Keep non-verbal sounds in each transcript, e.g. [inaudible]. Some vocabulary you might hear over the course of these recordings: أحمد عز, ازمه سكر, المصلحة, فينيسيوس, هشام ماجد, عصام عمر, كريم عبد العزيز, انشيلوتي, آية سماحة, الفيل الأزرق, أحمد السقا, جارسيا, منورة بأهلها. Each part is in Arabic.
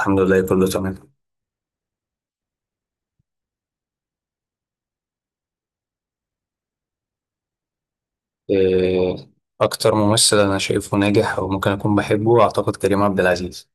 الحمد لله كله تمام. إيه، أكتر ممثل أنا شايفه ناجح أو ممكن أكون بحبه أعتقد كريم عبد العزيز.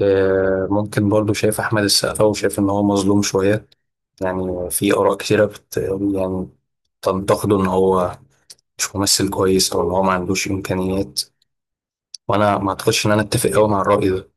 ممكن برضه شايف أحمد السقا وشايف إن هو مظلوم شوية، يعني في آراء كتيرة بت يعني تنتقده إن هو مش ممثل كويس أو إن هو ما عندوش إمكانيات، وأنا ما أعتقدش إن أنا أتفق أوي مع الرأي ده.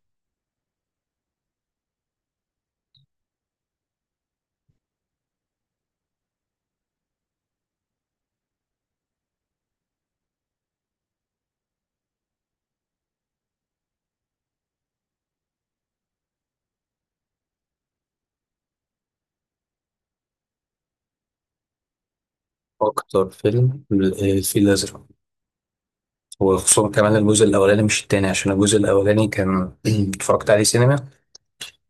أكتر فيلم الفيل الأزرق، وخصوصا كمان الجزء الأولاني مش التاني، عشان الجزء الأولاني كان [clears throat] اتفرجت عليه سينما،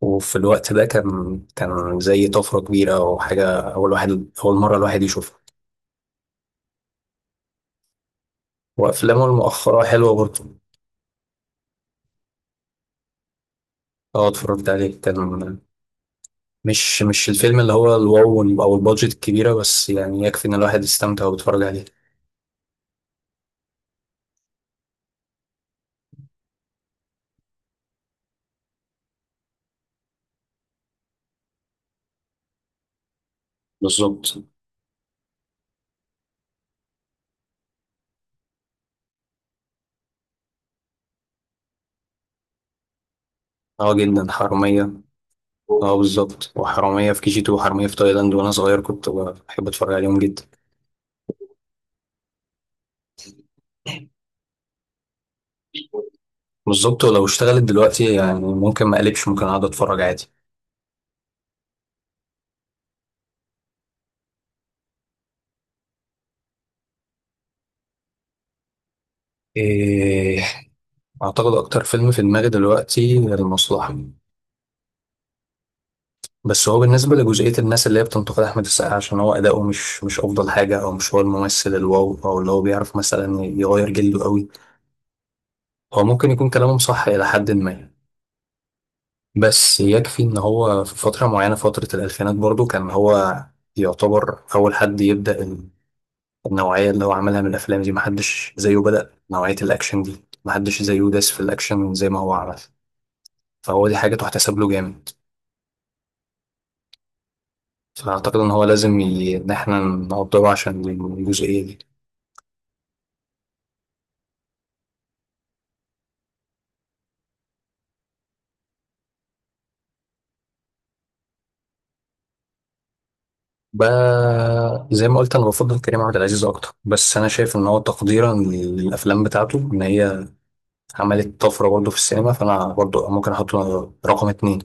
وفي الوقت ده كان زي طفرة كبيرة وحاجة، أول واحد أول مرة الواحد يشوفها. وأفلامه المؤخرة حلوة برضه. أه، اتفرجت عليه، كان مش الفيلم اللي هو الواو أو البادجت الكبيرة، بس يعني يكفي إن الواحد يستمتع ويتفرج عليه. بالظبط. أه جدا، حرامية. أه بالظبط، وحرامية في كي جي تو وحرامية في تايلاند، وأنا صغير كنت بحب أتفرج عليهم جدا. بالظبط، ولو اشتغلت دلوقتي يعني ممكن ما أقلبش، ممكن أقعد أتفرج عادي. إيه أعتقد أكتر فيلم في دماغي دلوقتي المصلحة. بس هو بالنسبة لجزئية الناس اللي هي بتنتقد أحمد السقا عشان هو أداؤه مش أفضل حاجة، أو مش هو الممثل الواو أو اللي هو بيعرف مثلا يغير جلده قوي، هو ممكن يكون كلامهم صح إلى حد ما. بس يكفي إن هو في فترة معينة، فترة الألفينات برضو، كان هو يعتبر أول حد يبدأ النوعية اللي هو عملها من الأفلام دي، محدش زيه بدأ نوعية الأكشن دي، محدش زيه داس في الأكشن زي ما هو عمل، فهو دي حاجة تحتسب له جامد. فأعتقد إن هو لازم إن إحنا نقدره عشان الجزئية دي. ب... زي ما قلت، أنا بفضل كريم عبد العزيز أكتر، بس أنا شايف إن هو تقديرا للأفلام بتاعته، إن هي عملت طفرة برضه في السينما، فأنا برضه ممكن أحطه رقم اتنين.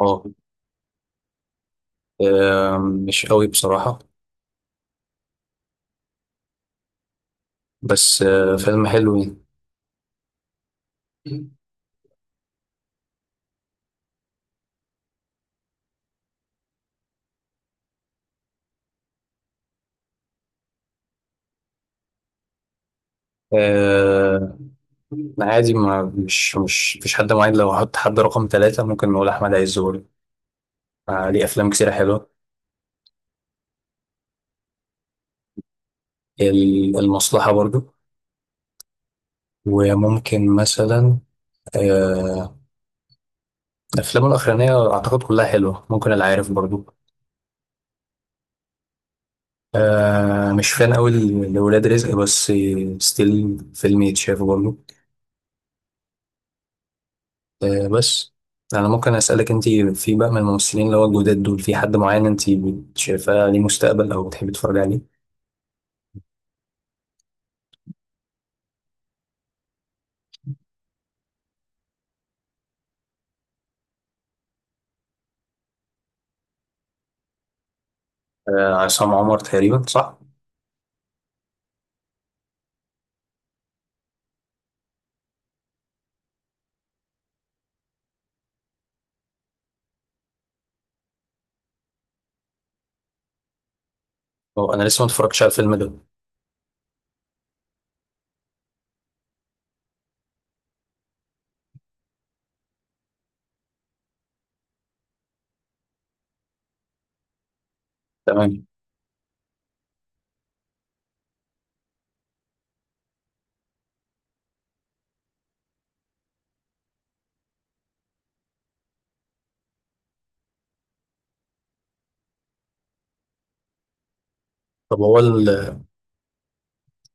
أه. مش قوي بصراحة، بس فيلم حلو يعني. آه، عادي، ما مش مش مفيش حد معين، لو هحط حد رقم ثلاثة ممكن نقول أحمد عز برضه، ليه أفلام كتيرة حلوة. المصلحة برضو، وممكن مثلا آه، أفلامه الأخرانية أعتقد كلها حلوة، ممكن العارف برضو. مش فان أوي لولاد رزق، بس ستيل فيلم يتشاف برضو. بس أنا ممكن أسألك أنت، في بقى من الممثلين اللي هو الجداد دول في حد معين أنت شايفاه ليه مستقبل أو بتحبي تتفرجي عليه؟ عصام عمر تقريبا صح؟ هو أنا لسه ما اتفرجتش على الفيلم ده. تمام. طب هو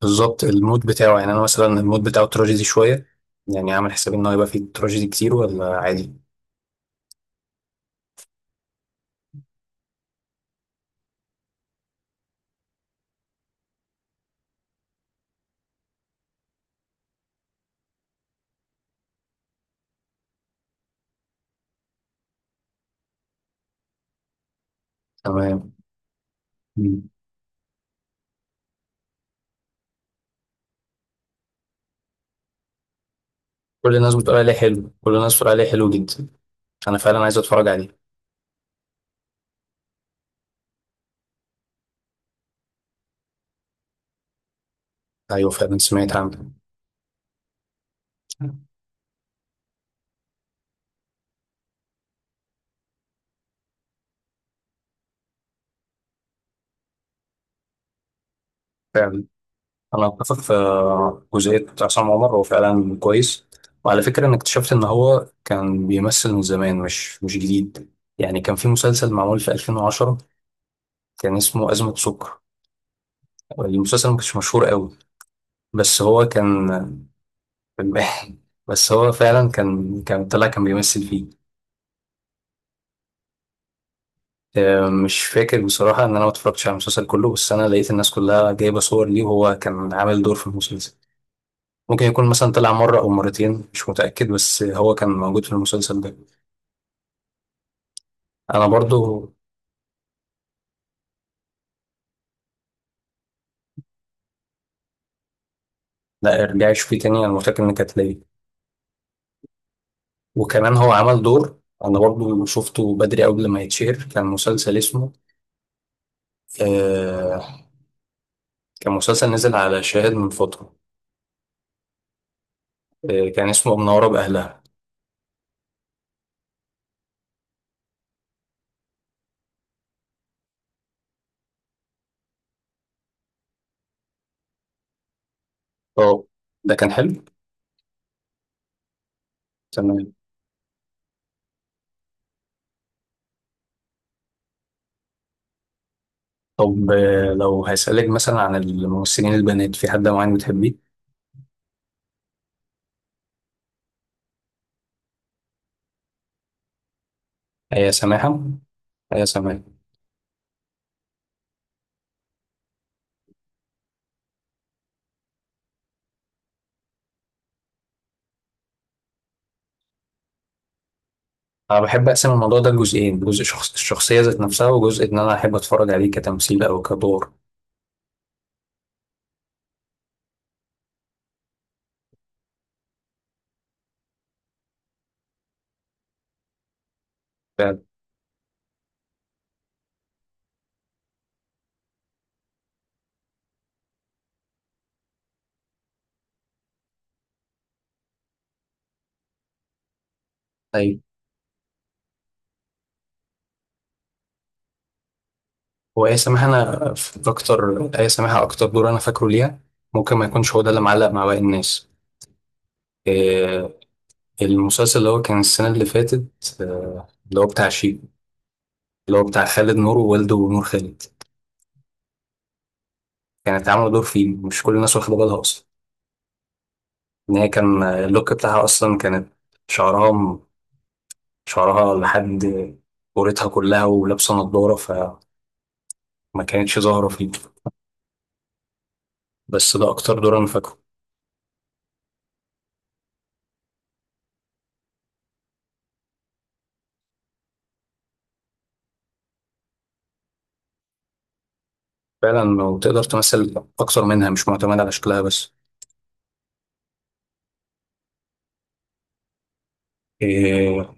بالظبط المود بتاعه، يعني انا مثلا المود بتاعه تراجيدي شويه، يعني عامل حسابي ان هو يبقى فيه تراجيدي كتير ولا عادي. تمام. مم. كل الناس بتقول عليه حلو، كل الناس بتقول عليه حلو جدا. انا فعلا عايز اتفرج عليه. ايوه فعلا، سمعت عنه. فعلا، انا اتفق في جزئيه عصام عمر، هو فعلا كويس. وعلى فكره انا اكتشفت ان هو كان بيمثل من زمان، مش جديد. يعني كان في مسلسل معمول في 2010، كان اسمه ازمه سكر، المسلسل ما كانش مشهور قوي، بس هو كان فنان. [laughs] بس هو فعلا كان طلع، كان بيمثل فيه. مش فاكر بصراحة إن أنا ما اتفرجتش على المسلسل كله، بس أنا لقيت الناس كلها جايبة صور ليه، وهو كان عامل دور في المسلسل. ممكن يكون مثلا طلع مرة أو مرتين، مش متأكد، بس هو كان موجود في المسلسل ده. أنا برضو. لا، ارجعي شوفيه تاني، أنا متأكد إنك هتلاقيه، وكمان هو عمل دور. أنا برضو شفته بدري قبل ما يتشهر، كان مسلسل اسمه آه كان مسلسل نزل على شاهد من فترة، كان اسمه منورة بأهلها. اه ده كان حلو. تمام. طب لو هسألك مثلا عن الممثلين البنات في حد معين بتحبيه. هي سماحة. هي سماحة. أنا بحب أقسم الموضوع ده لجزئين، جزء شخص الشخصية ذات نفسها، وجزء إن أنا أحب أتفرج عليه كتمثيل أو كدور. فعلا. أيوة. وآية سماحة، أنا في أكتر آية سماحة أكتر دور أنا فاكره ليها، ممكن ما يكونش هو ده اللي معلق مع باقي الناس. آه، المسلسل اللي هو كان السنة اللي فاتت، اللي هو بتاع شيكو، اللي هو بتاع خالد نور ووالده نور خالد، كانت عاملة دور فيه مش كل الناس واخدة بالها أصلا، ان هي كان اللوك بتاعها اصلا كانت شعرها م- شعرها لحد قورتها كلها، ولابسه نضاره فما كانتش ظاهره فيه. بس ده اكتر دور انا فاكره. فعلا، وتقدر تمثل اكتر منها، مش معتمد على شكلها بس. إيه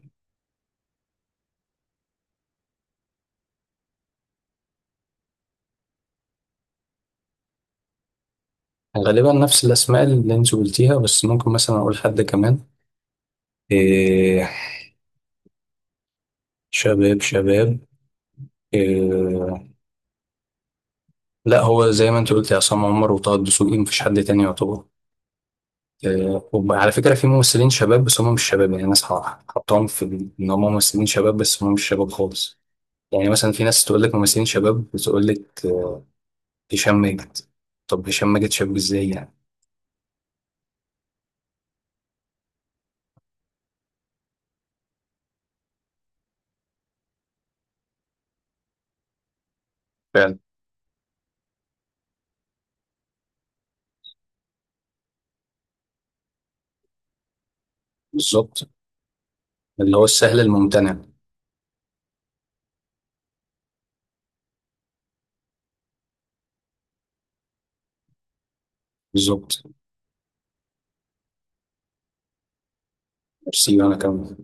غالبا نفس الاسماء اللي انت قلتيها، بس ممكن مثلا اقول حد كمان. إيه شباب شباب. إيه لا، هو زي ما انت قلت عصام عمر وطه الدسوقي، مفيش حد تاني يعتبر. وعلى فكرة في ممثلين شباب بس هم مش شباب، يعني ناس حطاهم في إن هم ممثلين شباب، بس هم مش شباب خالص. يعني مثلا في ناس تقول لك ممثلين شباب بتقول لك هشام ماجد. طب هشام ماجد شاب إزاي يعني. فعلا. بالظبط، اللي هو السهل الممتنع. بالظبط. سيبي أنا كمان.